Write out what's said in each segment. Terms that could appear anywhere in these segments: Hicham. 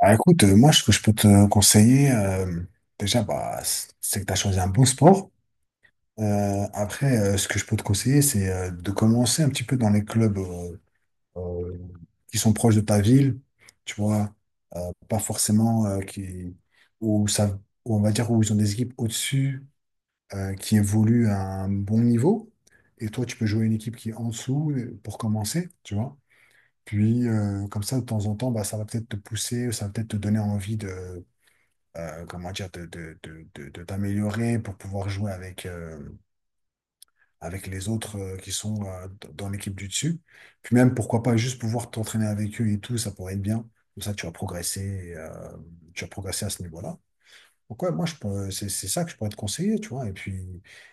Ah, écoute, moi, ce que je peux te conseiller, déjà, bah, c'est que tu as choisi un bon sport. Après, ce que je peux te conseiller, c'est de commencer un petit peu dans les clubs euh, qui sont proches de ta ville, tu vois, euh, pas forcément qui, où ça, où on va dire où ils ont des équipes au-dessus qui évoluent à un bon niveau. Et toi, tu peux jouer une équipe qui est en dessous pour commencer, tu vois. Puis, comme ça, de temps en temps, bah, ça va peut-être te pousser, ça va peut-être te donner envie de comment dire, de t'améliorer pour pouvoir jouer avec, avec les autres qui sont dans l'équipe du dessus. Puis même, pourquoi pas juste pouvoir t'entraîner avec eux et tout, ça pourrait être bien. Comme ça, tu vas progresser, tu vas progresser à ce niveau-là. Donc ouais, moi, c'est ça que je pourrais te conseiller, tu vois. Et puis,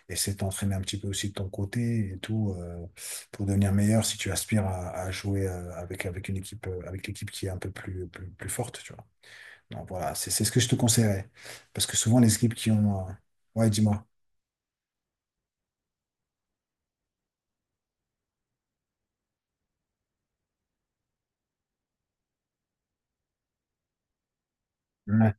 essayer de t'entraîner un petit peu aussi de ton côté et tout, pour devenir meilleur si tu aspires à jouer avec une équipe, avec l'équipe qui est un peu plus forte, tu vois. Donc voilà, c'est ce que je te conseillerais. Parce que souvent, les équipes qui ont. Ouais, dis-moi. Ouais.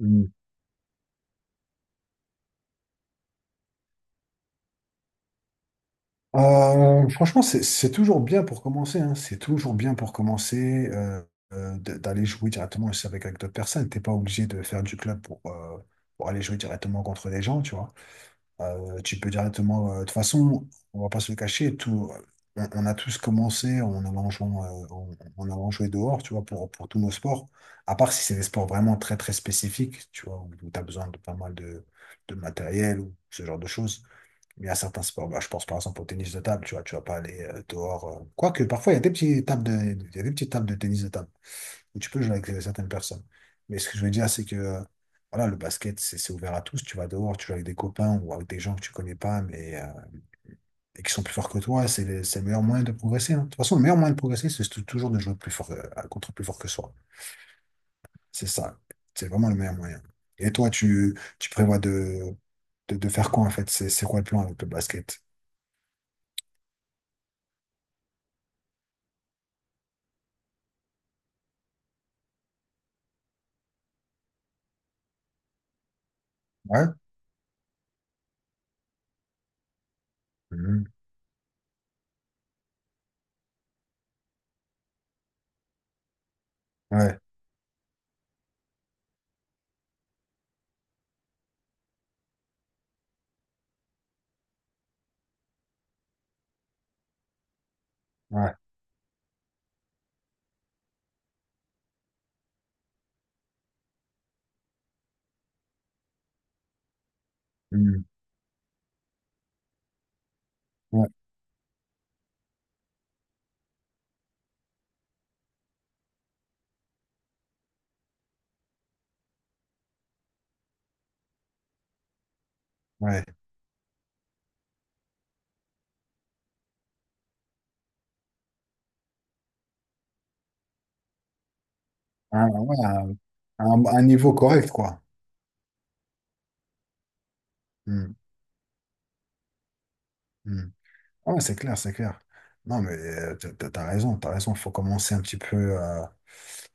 Mm. Franchement, c'est toujours bien pour commencer, hein. C'est toujours bien pour commencer d'aller jouer directement aussi avec, avec d'autres personnes. T'es pas obligé de faire du club pour aller jouer directement contre des gens, tu vois. Tu peux directement. De toute façon, on va pas se le cacher, tout, on a tous commencé en allant jouer, en allant jouer dehors, tu vois, pour tous nos sports. À part si c'est des sports vraiment très, très spécifiques, tu vois, où, tu as besoin de pas mal de matériel ou ce genre de choses. Mais il y a certains sports, bah, je pense par exemple au tennis de table, tu vois, tu vas pas aller dehors. Quoique, parfois, il y a des petites tables de tennis de table où tu peux jouer avec certaines personnes. Mais ce que je veux dire, c'est que voilà, le basket, c'est ouvert à tous. Tu vas dehors, tu joues avec des copains ou avec des gens que tu connais pas, mais et qui sont plus forts que toi. C'est le meilleur moyen de progresser, hein. De toute façon, le meilleur moyen de progresser, c'est toujours de jouer plus fort, contre plus fort que soi. C'est ça. C'est vraiment le meilleur moyen. Et toi, tu prévois de faire quoi en fait? C'est quoi le plan avec le basket? Ouais. Mhm. Ouais. Ouais. Mhm. Ouais. Ouais. Un, ouais, un niveau correct, quoi. Hmm. Hmm. Ouais, c'est clair, c'est clair. Non, mais t'as raison, t'as raison. Faut commencer un petit peu.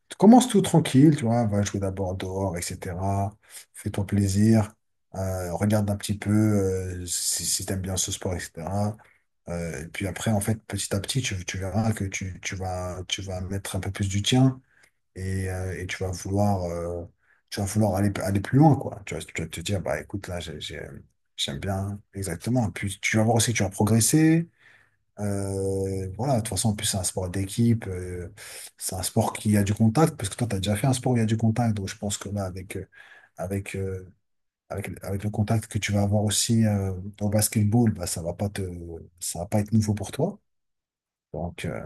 Tu commences tout tranquille, tu vois. Va jouer d'abord dehors, etc. Fais-toi plaisir. Regarde un petit peu si t'aimes bien ce sport, etc. Et puis après, en fait, petit à petit, tu verras que tu vas mettre un peu plus du tien et tu vas vouloir, tu vas vouloir aller, plus loin, quoi. Tu vas te dire, bah écoute, là, j'aime bien, exactement. Puis tu vas voir aussi que tu vas progresser. Voilà, de toute façon, en plus, c'est un sport d'équipe, c'est un sport qui a du contact, parce que toi, tu as déjà fait un sport où il y a du contact, donc je pense que là, avec, euh, avec le contact que tu vas avoir aussi au basketball, bah, ça va pas être nouveau pour toi. Donc,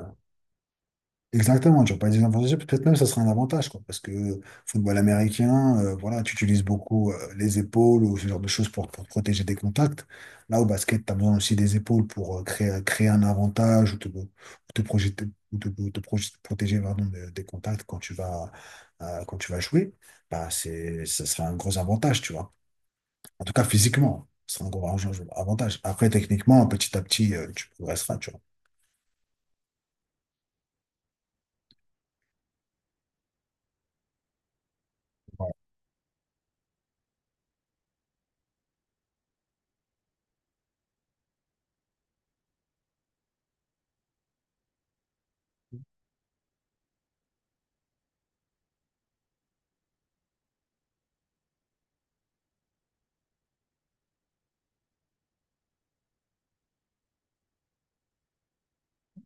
exactement, tu vas pas dire n'importe quoi, peut-être même ça serait un avantage, quoi, parce que football américain, voilà, tu utilises beaucoup les épaules ou ce genre de choses pour te protéger des contacts. Là, au basket, tu as besoin aussi des épaules pour créer un avantage ou te projeter, ou te protéger, pardon, des contacts quand tu vas, quand tu vas jouer. Bah, ça serait un gros avantage, tu vois. En tout cas, physiquement, ce serait un gros avantage. Après, techniquement, petit à petit, tu progresseras, tu vois.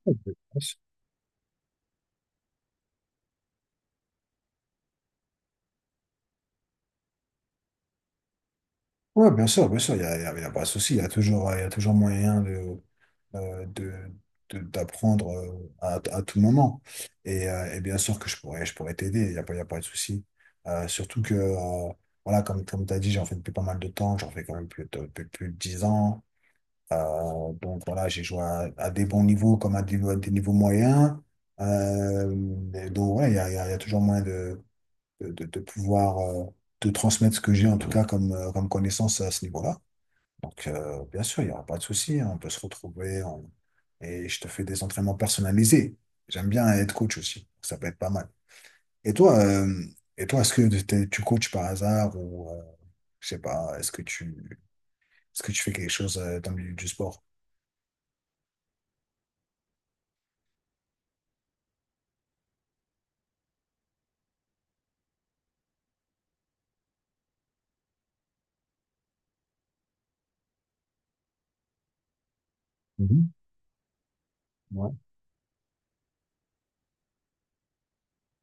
Voilà. Oui, bien sûr, il y a pas de souci, il y a toujours moyen euh, de, d'apprendre à tout moment. Et bien sûr que je pourrais t'aider, il y a pas de souci. Surtout que, voilà, comme tu as dit, j'en fais depuis pas mal de temps, j'en fais quand même plus de 10 ans. Donc voilà, j'ai joué à des bons niveaux comme à des niveaux moyens. Euh, et donc voilà, il y a toujours moyen de pouvoir de transmettre ce que j'ai en tout cas comme, comme connaissance à ce niveau-là. Donc, bien sûr, il n'y aura pas de souci, hein. On peut se retrouver et je te fais des entraînements personnalisés. J'aime bien être coach aussi. Ça peut être pas mal. Et toi, euh, et toi, est-ce que tu coaches par hasard ou je sais pas, est-ce que tu fais quelque chose dans le milieu du sport? Mhm. Ouais.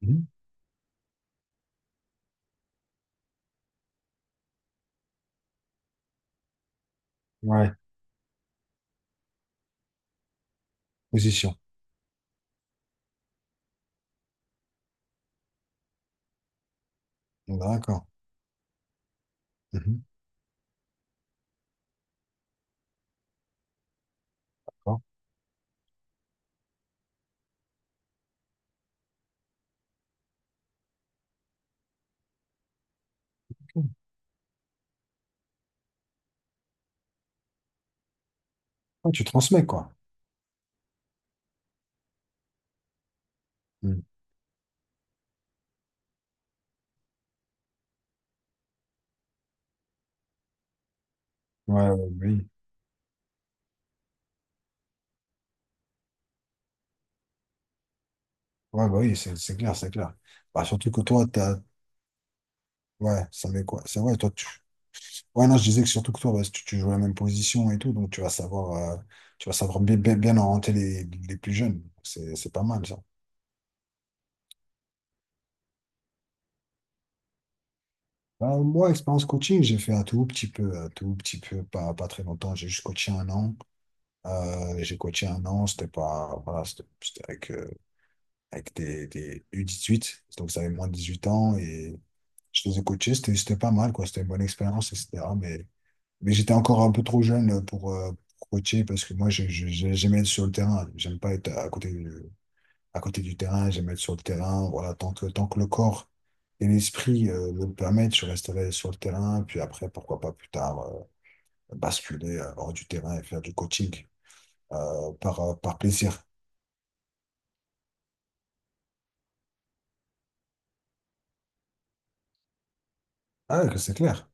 Mhm. Ouais. Position. D'accord. Mhm, d'accord. Ok. Ouais, tu transmets quoi. Mhm. Ouais, ouais, oui. Ouais, bah oui, c'est clair, c'est clair. Bah, surtout que toi, t'as. Ouais, ça met quoi? C'est vrai, toi, tu. Ouais, non, je disais que surtout que toi, bah, tu joues la même position et tout, donc tu vas savoir, tu vas savoir bien, bien, bien orienter les plus jeunes. C'est pas mal, ça. Bah, moi, expérience coaching, j'ai fait un tout petit peu, un tout petit peu, pas très longtemps. J'ai juste coaché 1 an. J'ai coaché 1 an, c'était pas, voilà, c'était avec, avec des U18, donc ça avait moins de 18 ans et je les ai coachés, c'était pas mal, quoi. C'était une bonne expérience, etc. Mais j'étais encore un peu trop jeune pour coacher parce que moi, j'aimais être sur le terrain. J'aime pas être à côté du, terrain. J'aime être sur le terrain. Voilà, tant que le corps et l'esprit me le permettent, je resterai sur le terrain. Puis après, pourquoi pas plus tard, basculer hors du terrain et faire du coaching par plaisir. Ah, que c'est clair.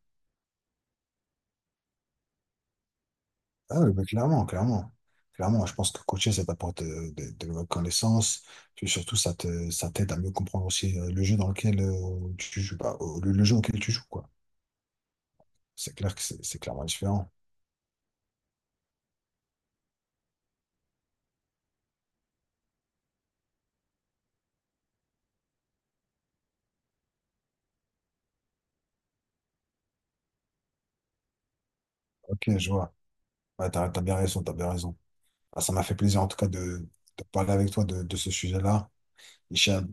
Ah oui, bah, clairement, clairement. Clairement, je pense que coacher, ça t'apporte de nouvelles connaissances. Puis surtout, ça t'aide à mieux comprendre aussi le jeu dans lequel tu joues, bah, le jeu auquel tu joues, quoi. C'est clair que c'est clairement différent. Ok, je vois. Ouais, t'as bien raison, t'as bien raison. Ah, ça m'a fait plaisir, en tout cas, de parler avec toi de ce sujet-là. Hicham,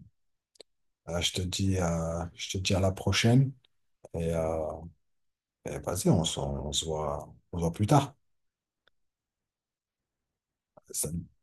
je te dis à la prochaine. Et, euh, et vas-y, on se voit plus tard. Salut.